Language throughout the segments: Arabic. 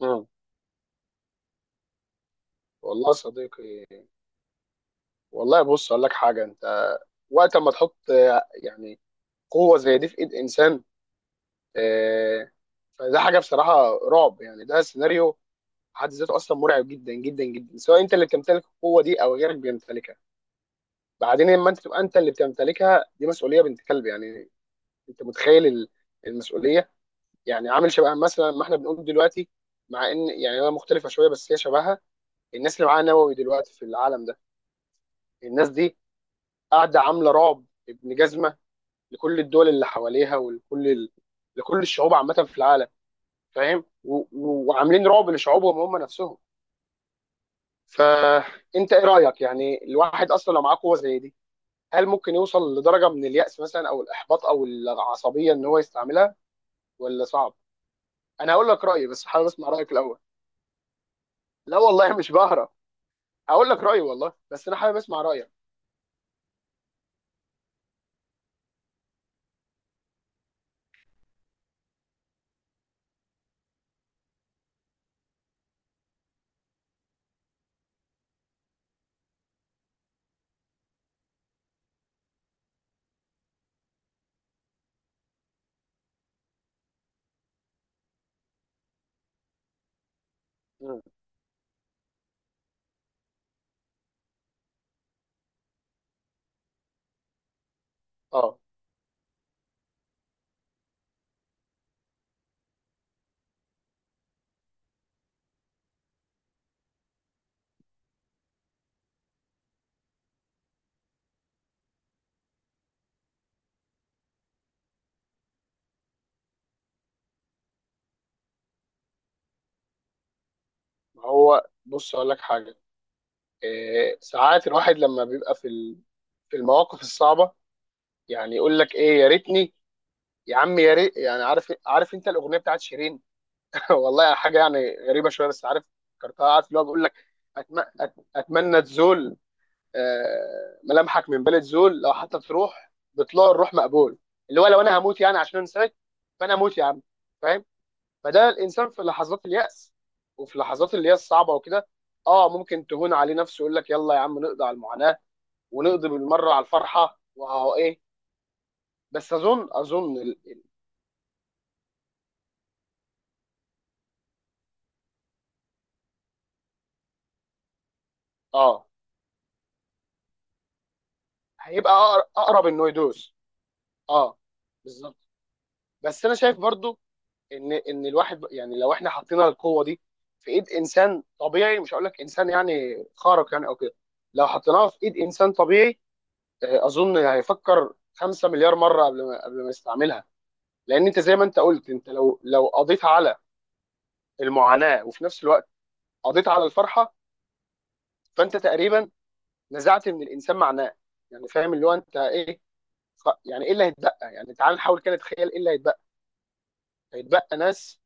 مم. والله يا صديقي. والله، بص اقول لك حاجه. انت وقت ما تحط يعني قوه زي دي في ايد انسان، آه، فده حاجه بصراحه رعب. يعني ده سيناريو في حد ذاته اصلا مرعب جدا جدا جدا، سواء انت اللي بتمتلك القوه دي او غيرك بيمتلكها. بعدين لما انت تبقى انت اللي بتمتلكها، دي مسؤوليه بنت كلب يعني. انت متخيل المسؤوليه؟ يعني عامل شبه مثلا ما احنا بنقول دلوقتي، مع ان يعني هي مختلفه شويه بس هي شبهها. الناس اللي معاها نووي دلوقتي في العالم ده، الناس دي قاعده عامله رعب ابن جزمه لكل الدول اللي حواليها ولكل لكل الشعوب عامه في العالم. فاهم؟ وعاملين رعب لشعوبهم هم نفسهم. فانت ايه رايك؟ يعني الواحد اصلا لو معاه قوه زي دي، هل ممكن يوصل لدرجه من اليأس مثلا او الاحباط او العصبيه ان هو يستعملها، ولا صعب؟ انا هقول لك رايي بس حابب اسمع رايك الاول. لا والله مش بهرب، هقول لك رايي والله، بس انا حابب اسمع رايك. مم. اه، هو بص اقول لك حاجه. ساعات الواحد لما بيبقى في المواقف الصعبه، يعني يقول لك ايه، يا ريتني، يا عم يا ريت، يعني عارف انت الاغنيه بتاعت شيرين؟ والله حاجه يعني غريبه شويه بس عارف فكرتها، عارف اللي هو بيقول لك: أتم... اتمنى تزول، ملامحك من بلد زول، لو حتى تروح بطلوع الروح مقبول. اللي هو لو انا هموت يعني عشان انساك، فانا اموت يا عم. فاهم؟ فده الانسان في لحظات اليأس، وفي لحظات اللي هي الصعبه وكده، اه ممكن تهون عليه نفسه، يقول لك يلا يا عم نقضي على المعاناه، ونقضي بالمره على الفرحه، واهو ايه. بس اظن اه، هيبقى اقرب انه يدوس. اه، بالظبط. بس انا شايف برضو ان الواحد، يعني لو احنا حطينا القوه دي في ايد انسان طبيعي، مش هقول لك انسان يعني خارق يعني او كده، لو حطيناها في ايد انسان طبيعي، اظن هيفكر 5 مليار مره قبل ما يستعملها. لان انت زي ما انت قلت، انت لو قضيت على المعاناه وفي نفس الوقت قضيت على الفرحه، فانت تقريبا نزعت من الانسان معناه. يعني فاهم اللي هو انت ايه؟ يعني ايه اللي هيتبقى؟ يعني تعال نحاول كده نتخيل ايه اللي هيتبقى. هيتبقى ناس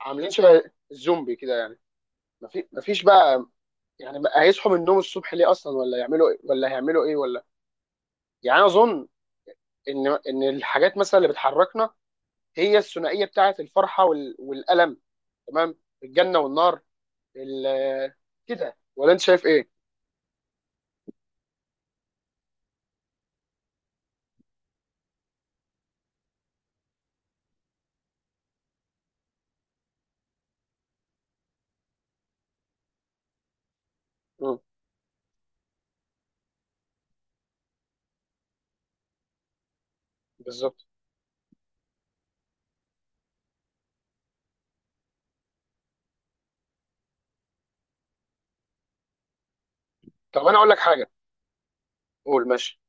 عاملين شبه الزومبي كده يعني. مفيش بقى يعني. بقى هيصحوا من النوم الصبح ليه اصلا، ولا يعملوا ايه، ولا هيعملوا ايه، ولا. يعني انا اظن ان الحاجات مثلا اللي بتحركنا هي الثنائيه بتاعه الفرحه والالم، تمام، الجنه والنار، ال... كده، ولا انت شايف ايه؟ مم. بالظبط. طب انا اقول لك حاجه. قول، ماشي.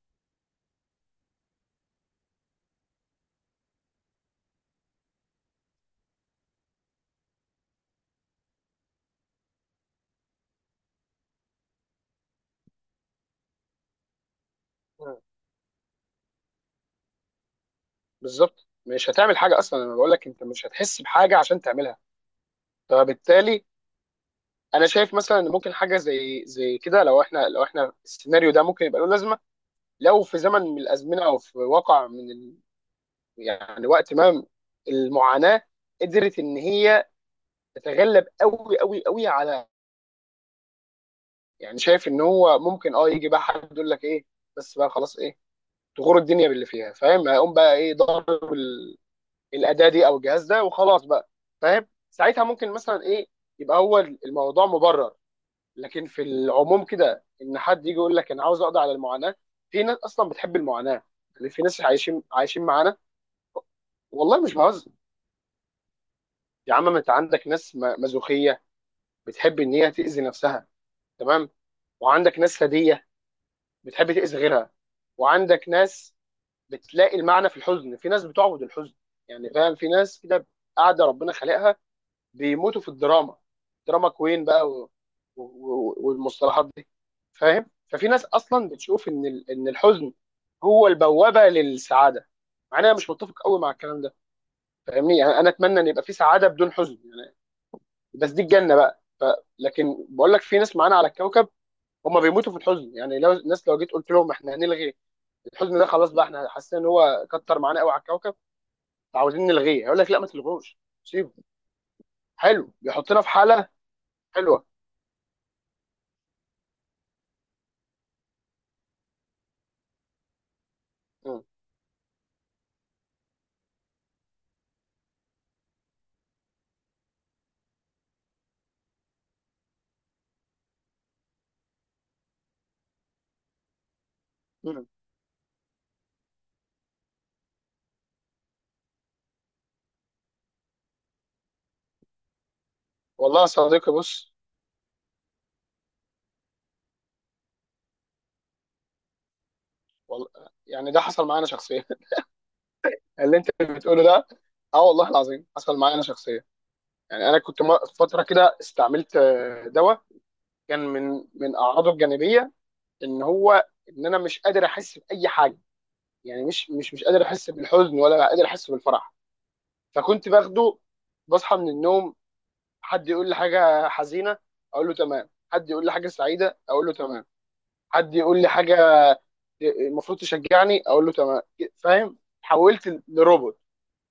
بالظبط مش هتعمل حاجه اصلا، انا بقول لك انت مش هتحس بحاجه عشان تعملها، فبالتالي انا شايف مثلا ان ممكن حاجه زي كده، لو احنا السيناريو ده ممكن يبقى له لازمه، لو في زمن من الازمنه او في واقع يعني وقت ما المعاناه قدرت ان هي تتغلب قوي قوي قوي على، يعني شايف ان هو ممكن، اه، يجي بقى حد يقول لك ايه بس بقى خلاص، ايه، تغور الدنيا باللي فيها، فاهم، هيقوم بقى ايه ضارب الاداه دي او الجهاز ده وخلاص بقى. فاهم؟ ساعتها ممكن مثلا ايه، يبقى هو الموضوع مبرر. لكن في العموم كده، ان حد يجي يقول لك انا عاوز اقضي على المعاناه، في ناس اصلا بتحب المعاناه، يعني في ناس عايشين عايشين معانا. والله مش بهزر. يا عم، ما انت عندك ناس مازوخيه بتحب ان هي تاذي نفسها، تمام، وعندك ناس ثديه بتحب تاذي غيرها، وعندك ناس بتلاقي المعنى في الحزن، في ناس بتعبد الحزن يعني. فاهم؟ في ناس كده قاعده ربنا خلقها بيموتوا في الدراما، دراما كوين بقى، والمصطلحات دي. فاهم؟ ففي ناس اصلا بتشوف ان ان الحزن هو البوابه للسعاده. مع إن انا مش متفق قوي مع الكلام ده، فاهمني؟ يعني انا اتمنى ان يبقى في سعاده بدون حزن يعني، بس دي الجنه بقى لكن بقول لك في ناس معانا على الكوكب هم بيموتوا في الحزن، يعني لو الناس، لو جيت قلت لهم احنا هنلغي الحزن ده خلاص بقى، احنا حاسين ان هو كتر معانا قوي على الكوكب عاوزين نلغيه، هيقول لك لا ما تلغوش، سيبه حلو، بيحطنا في حاله حلوه. م. م. والله يا صديقي، بص والله، يعني ده حصل معايا انا شخصيا، اللي انت بتقوله ده. اه والله العظيم حصل معايا انا شخصيا. يعني انا كنت فتره كده استعملت دواء، كان من اعراضه الجانبيه ان هو ان انا مش قادر احس باي حاجه، يعني مش قادر احس بالحزن ولا قادر احس بالفرح. فكنت باخده، بصحى من النوم، حد يقول لي حاجه حزينه اقول له تمام، حد يقول لي حاجه سعيده اقول له تمام، حد يقول لي حاجه المفروض تشجعني اقول له تمام. فاهم؟ حولت لروبوت.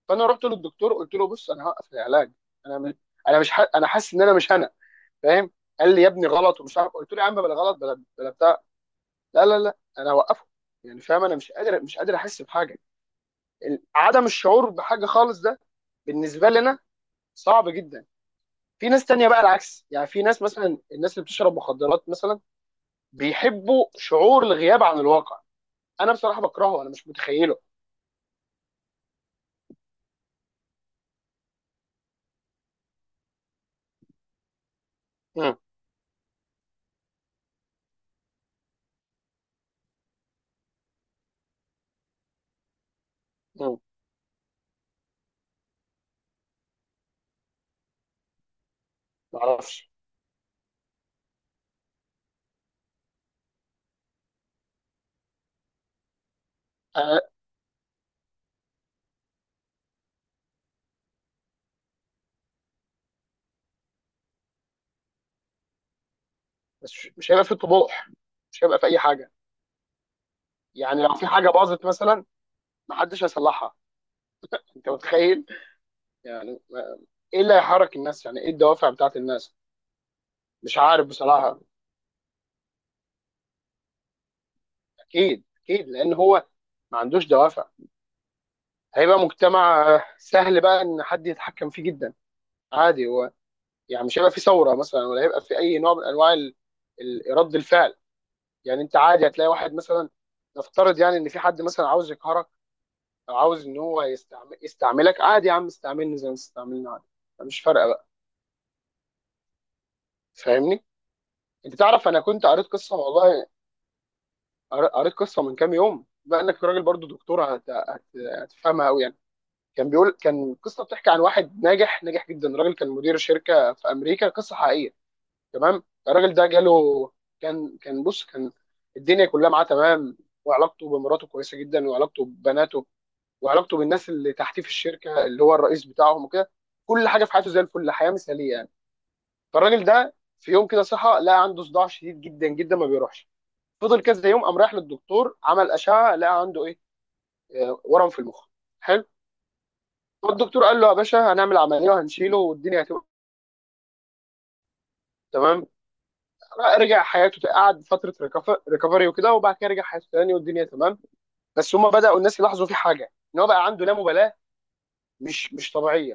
فانا رحت للدكتور، قلت له بص انا هوقف العلاج، انا مش انا حاسس ان انا مش انا. فاهم؟ قال لي يا ابني غلط ومش عارف، قلت له يا عم بلا غلط بلا بلا بتاع، لا لا لا انا هوقفه. يعني فاهم انا مش قادر احس بحاجه، عدم الشعور بحاجه خالص ده بالنسبه لنا صعب جدا. في ناس تانية بقى العكس، يعني في ناس مثلا، الناس اللي بتشرب مخدرات مثلا بيحبوا شعور الغياب عن الواقع. انا بصراحه بكرهه، انا مش متخيله. مم. مم. ما اعرفش. آه، بس مش هيبقى في طموح، مش هيبقى في اي حاجه. يعني لو في حاجه باظت مثلا، محدش هيصلحها. انت متخيل؟ يعني ايه اللي هيحرك الناس؟ يعني ايه الدوافع بتاعت الناس؟ مش عارف بصراحه. اكيد اكيد لان هو ما عندوش دوافع. هيبقى مجتمع سهل بقى ان حد يتحكم فيه جدا. عادي هو، يعني مش هيبقى في ثوره مثلا، ولا هيبقى في اي نوع من انواع رد الفعل. يعني انت عادي هتلاقي واحد مثلا، نفترض يعني ان في حد مثلا عاوز يقهرك، او عاوز ان هو يستعملك، عادي يا عم استعملني زي ما استعملني، عادي مش فارقه بقى. فاهمني؟ انت تعرف انا كنت قريت قصه والله، قريت قصه من كام يوم، بما انك راجل برضو دكتور هتفهمها قوي يعني. كان بيقول، كان قصه بتحكي عن واحد ناجح ناجح جدا، راجل كان مدير شركه في امريكا، قصه حقيقيه، تمام. الراجل ده جاله، كان الدنيا كلها معاه، تمام، وعلاقته بمراته كويسه جدا، وعلاقته ببناته، وعلاقته بالناس اللي تحتيه في الشركه اللي هو الرئيس بتاعهم وكده، كل حاجه في حياته زي الفل، حياه مثاليه يعني. فالراجل ده في يوم كده صحى، لقى عنده صداع شديد جدا جدا ما بيروحش، فضل كذا يوم، قام رايح للدكتور، عمل اشعه، لقى عنده ايه؟ ورم في المخ. حلو. فالدكتور قال له يا باشا، هنعمل عمليه وهنشيله، والدنيا هتبقى تمام. رجع حياته، قعد فتره ريكفري وكده، وبعد كده رجع حياته تاني والدنيا تمام. بس هم بداوا الناس يلاحظوا في حاجه، ان هو بقى عنده لا مبالاه مش طبيعيه،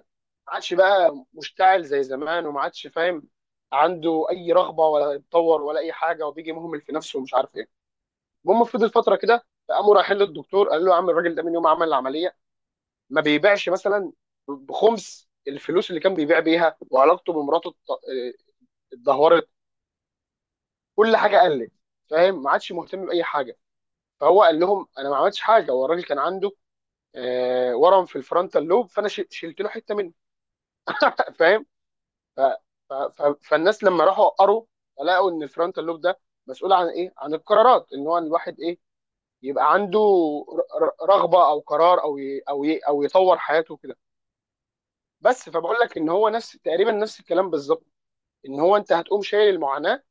ما عادش بقى مشتعل زي زمان، وما عادش فاهم عنده اي رغبه، ولا يتطور ولا اي حاجه، وبيجي مهمل في نفسه ومش عارف ايه. المهم، فضل فتره كده، فقاموا رايحين للدكتور، قال له يا عم الراجل ده من يوم ما عمل العمليه ما بيبيعش مثلا بخمس الفلوس اللي كان بيبيع بيها، وعلاقته بمراته اتدهورت، كل حاجه قلت، فاهم، ما عادش مهتم باي حاجه. فهو قال لهم انا ما عملتش حاجه، هو الراجل كان عنده ورم في الفرونتال لوب، فانا شلت له حته منه. فاهم؟ ف... ف... ف... فالناس لما راحوا قروا لقوا ان الفرونتال لوب ده مسؤول عن ايه؟ عن القرارات، ان هو الواحد ايه يبقى عنده رغبه او قرار او يطور حياته كده. بس فبقول لك ان هو نفس تقريبا نفس الكلام بالظبط، ان هو انت هتقوم شايل المعاناه،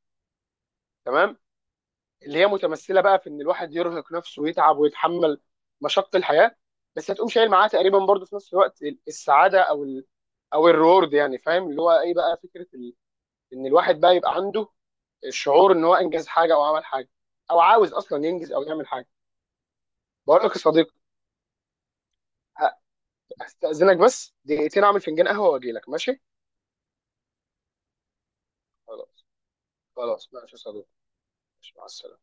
تمام، اللي هي متمثله بقى في ان الواحد يرهق نفسه ويتعب ويتحمل مشق الحياه، بس هتقوم شايل معاه تقريبا برضه في نفس الوقت السعاده او الريورد، يعني فاهم اللي هو ايه بقى فكره ان الواحد بقى يبقى عنده الشعور ان هو انجز حاجه او عمل حاجه، او عاوز اصلا ينجز او يعمل حاجه. بقول لك يا صديقي، ه- هستأذنك بس دقيقتين، اعمل فنجان قهوه واجي لك، ماشي؟ خلاص. خلاص ماشي يا صديقي، ماشي مع السلامه.